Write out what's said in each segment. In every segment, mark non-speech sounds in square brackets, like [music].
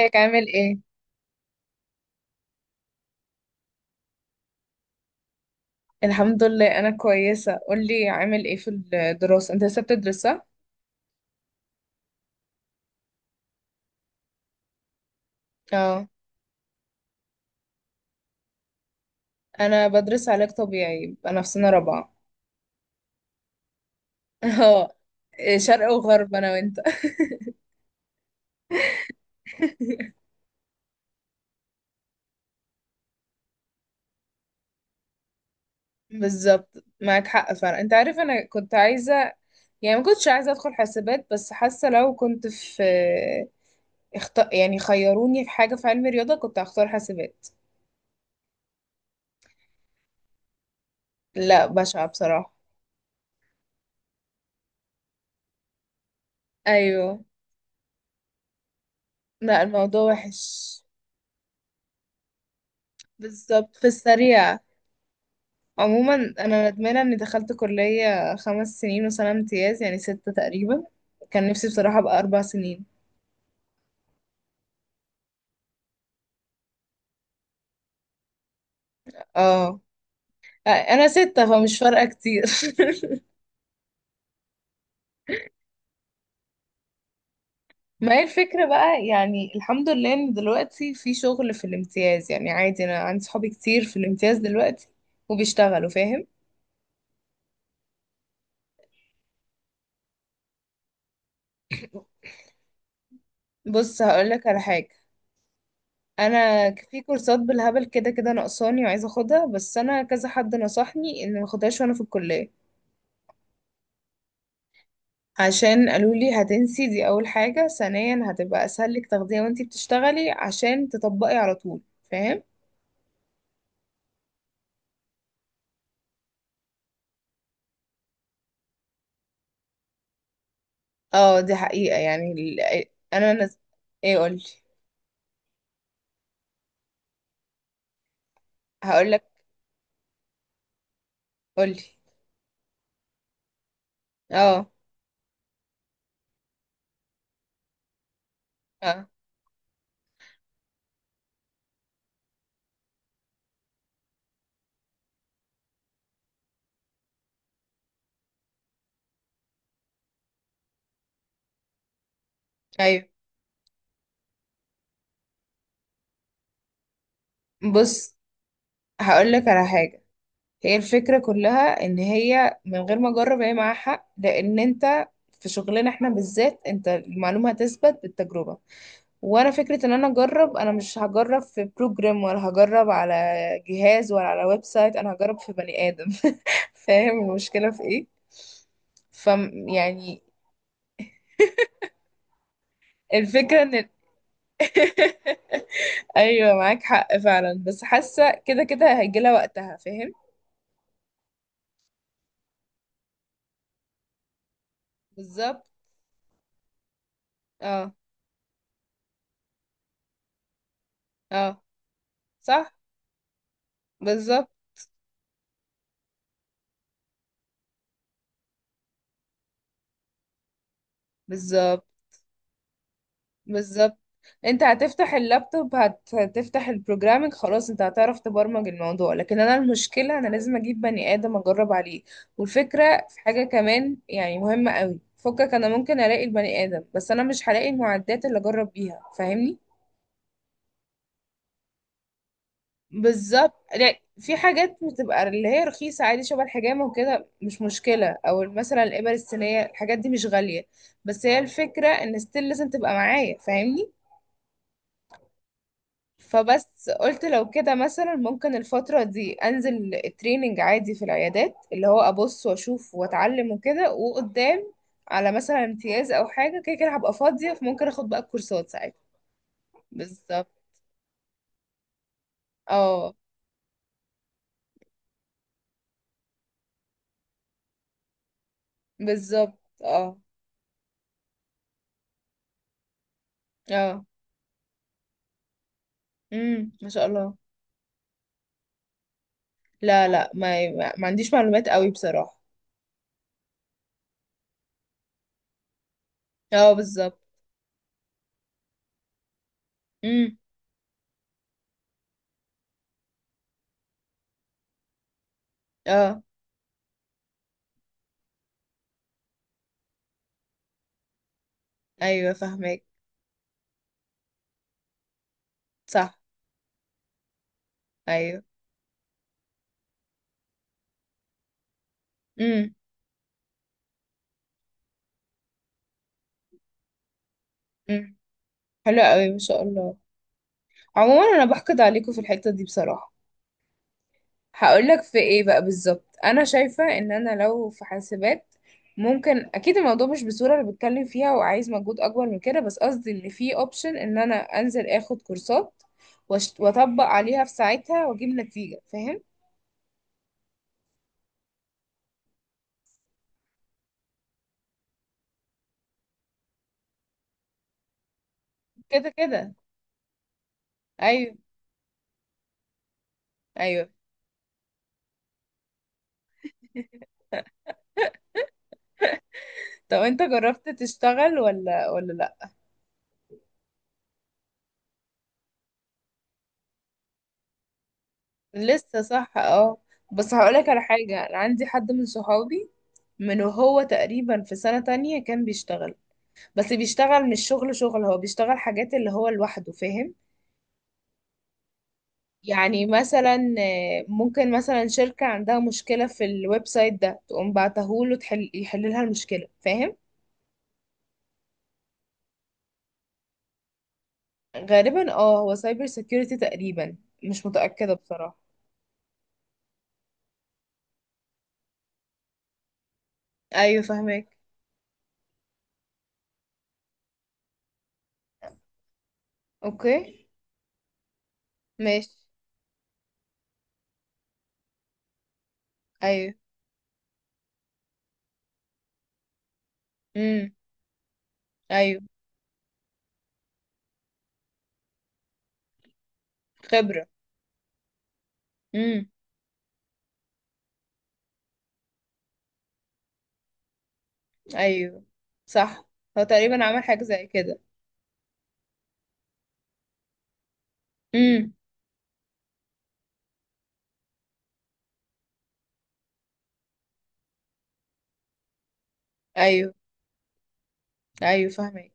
ازيك؟ عامل ايه؟ الحمد لله، انا كويسة. قولي، عامل ايه في الدراسة؟ انت لسه بتدرس صح؟ اه، انا بدرس علاج طبيعي. انا في سنة رابعة. [laughs] اه. إيه، شرق وغرب انا وانت. [laughs] بالظبط، معاك حق فعلا. انت عارف، انا كنت عايزة، يعني ما كنتش عايزة ادخل حاسبات، بس حاسة لو كنت في يعني، خيروني في حاجة في علم رياضة، كنت هختار حاسبات. لا، بشعة بصراحة. ايوه. لا، الموضوع وحش. بالظبط، في السريع. عموما، انا ندمانه اني دخلت كليه 5 سنين وسنه امتياز، يعني 6 تقريبا. كان نفسي بصراحه ابقى 4 سنين. اه. انا 6، فمش فارقه كتير. [laughs] ما هي الفكره بقى، يعني الحمد لله ان دلوقتي في شغل في الامتياز. يعني عادي، انا عندي صحابي كتير في الامتياز دلوقتي وبيشتغلوا. فاهم. بص، هقولك على حاجه. انا في كورسات بالهبل، كده كده ناقصاني وعايزه اخدها، بس انا كذا حد نصحني ان ما اخدهاش وانا في الكليه. عشان قالوا لي هتنسي، دي اول حاجة. ثانيا، هتبقى اسهل لك تاخديها وانتي بتشتغلي عشان تطبقي على طول. فاهم؟ اه، دي حقيقة يعني انا نز... ايه، قولي. هقولك. قولي. اه. اه. ايوه. بص، هقولك على حاجة. هي الفكرة كلها ان هي من غير ما اجرب، هي معاها حق، لان انت، في شغلنا احنا بالذات، انت المعلومة هتثبت بالتجربة. وانا فكرة ان انا اجرب، انا مش هجرب في بروجرام ولا هجرب على جهاز ولا على ويب سايت، انا هجرب في بني ادم. [laughs] فاهم المشكلة في ايه؟ ف يعني الفكرة ان، ايوه معاك حق فعلا، بس حاسة كده كده هيجي لها وقتها. فاهم؟ بالظبط. اه. اه. صح. بالظبط. بالظبط. بالظبط، انت هتفتح اللابتوب، هتفتح البروجرامنج، خلاص انت هتعرف تبرمج الموضوع. لكن انا المشكلة، انا لازم اجيب بني ادم اجرب عليه. والفكرة في حاجة كمان يعني مهمة قوي، فكك انا ممكن الاقي البني ادم، بس انا مش هلاقي المعدات اللي اجرب بيها. فاهمني؟ بالظبط. لا، في حاجات بتبقى اللي هي رخيصة عادي، شبه الحجامة وكده، مش مشكلة. او مثلا الإبر الصينية، الحاجات دي مش غالية. بس هي الفكرة ان ستيل لازم تبقى معايا. فاهمني؟ فبس قلت لو كده مثلا، ممكن الفترة دي انزل تريننج عادي في العيادات، اللي هو ابص واشوف واتعلم وكده. وقدام، على مثلا امتياز او حاجة، كده كده هبقى فاضية، فممكن اخد بقى الكورسات ساعتها. بالظبط. اه. بالظبط. اه. اه. ما شاء الله. لا لا، ما عنديش معلومات قوي بصراحة. اه، بالظبط. امم. اه. ايوه فاهمك. صح. ايوه. امم. امم. حلو قوي، ما شاء الله. عموما، انا بحقد عليكم في الحتة دي بصراحة. هقولك في ايه بقى. بالظبط، انا شايفة ان انا لو في حاسبات، ممكن اكيد الموضوع مش بالصورة اللي بتكلم فيها وعايز مجهود اكبر من كده، بس قصدي ان في اوبشن ان انا انزل اخد كورسات واطبق عليها في ساعتها واجيب نتيجة. فاهم؟ كده كده. ايوه. ايوه. طب انت جربت تشتغل ولا لا؟ لسه، صح اه. بس هقولك على حاجة. انا عندي حد من صحابي من، وهو تقريبا في سنة تانية كان بيشتغل. بس بيشتغل مش شغل شغل، هو بيشتغل حاجات اللي هو لوحده. فاهم؟ يعني مثلا، ممكن مثلا شركة عندها مشكلة في الويب سايت ده، تقوم بعتهوله يحل لها المشكلة. فاهم؟ غالبا اه، هو سايبر سيكيورتي تقريبا. مش متأكدة بصراحة. ايوه فاهمك. اوكي. ماشي. ايوه. امم. ايوه. خبرة. امم. ايوه. صح. هو تقريبا عمل حاجة زي كده. امم. ايوه. ايوه فاهمك.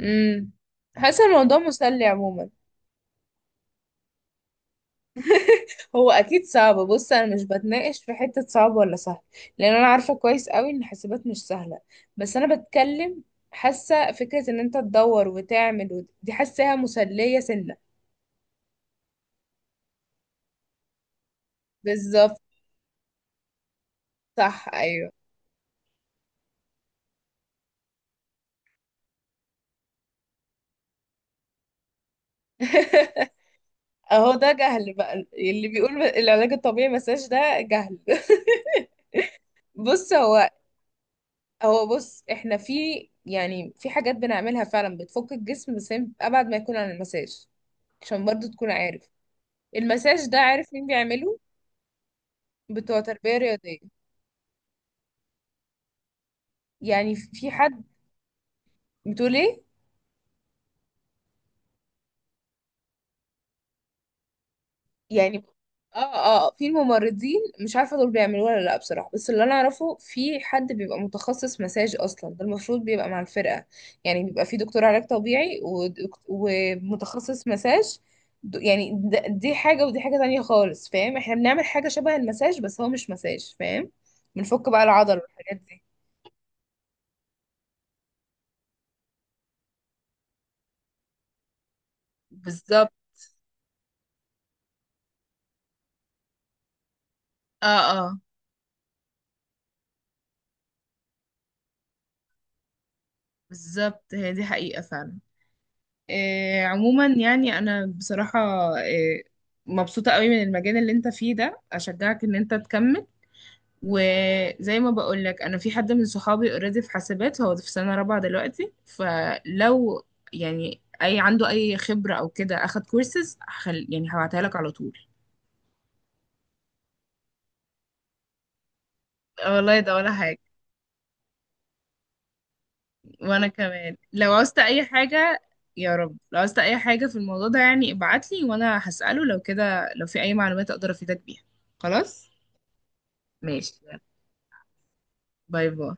امم. حاسة الموضوع مسلي عموما. هو اكيد صعب. بص، انا مش بتناقش في حته صعب ولا سهل، لان انا عارفه كويس قوي ان حاسبات مش سهله. بس انا بتكلم، حاسه فكره ان انت تدور وتعمل دي حاساها مسليه سنه. بالظبط. صح ايوه. [laughs] اهو ده جهل بقى، اللي بيقول العلاج الطبيعي مساج ده جهل. [laughs] بص هو هو بص احنا في، يعني في حاجات بنعملها فعلا بتفك الجسم، بس هي ابعد ما يكون عن المساج. عشان برضو تكون عارف، المساج ده عارف مين بيعمله؟ بتوع تربية رياضية. يعني في حد. بتقول ايه؟ يعني اه. اه، في الممرضين مش عارفة دول بيعملوه ولا لا بصراحة. بس اللي انا اعرفه، في حد بيبقى متخصص مساج اصلا، ده المفروض بيبقى مع الفرقة. يعني بيبقى في دكتور علاج طبيعي ومتخصص مساج. دي حاجة ودي حاجة تانية خالص. فاهم؟ احنا بنعمل حاجة شبه المساج، بس هو مش مساج. فاهم؟ بنفك بقى العضل والحاجات دي. بالظبط. اه اه، بالظبط. هي دي حقيقة فعلا. عموما، يعني انا بصراحة آه، مبسوطة قوي من المجال اللي انت فيه ده. اشجعك ان انت تكمل. وزي ما بقول لك، انا في حد من صحابي اوريدي في حاسبات، هو في سنة رابعة دلوقتي، فلو يعني اي عنده اي خبرة او كده، اخد كورسز، يعني هبعتها لك على طول. والله ده ولا حاجة. وانا كمان لو عوزت اي حاجة، يا رب لو عوزت اي حاجة في الموضوع ده، يعني ابعتلي وانا هسأله، لو كده لو في اي معلومات اقدر افيدك بيها. خلاص. ماشي. باي باي.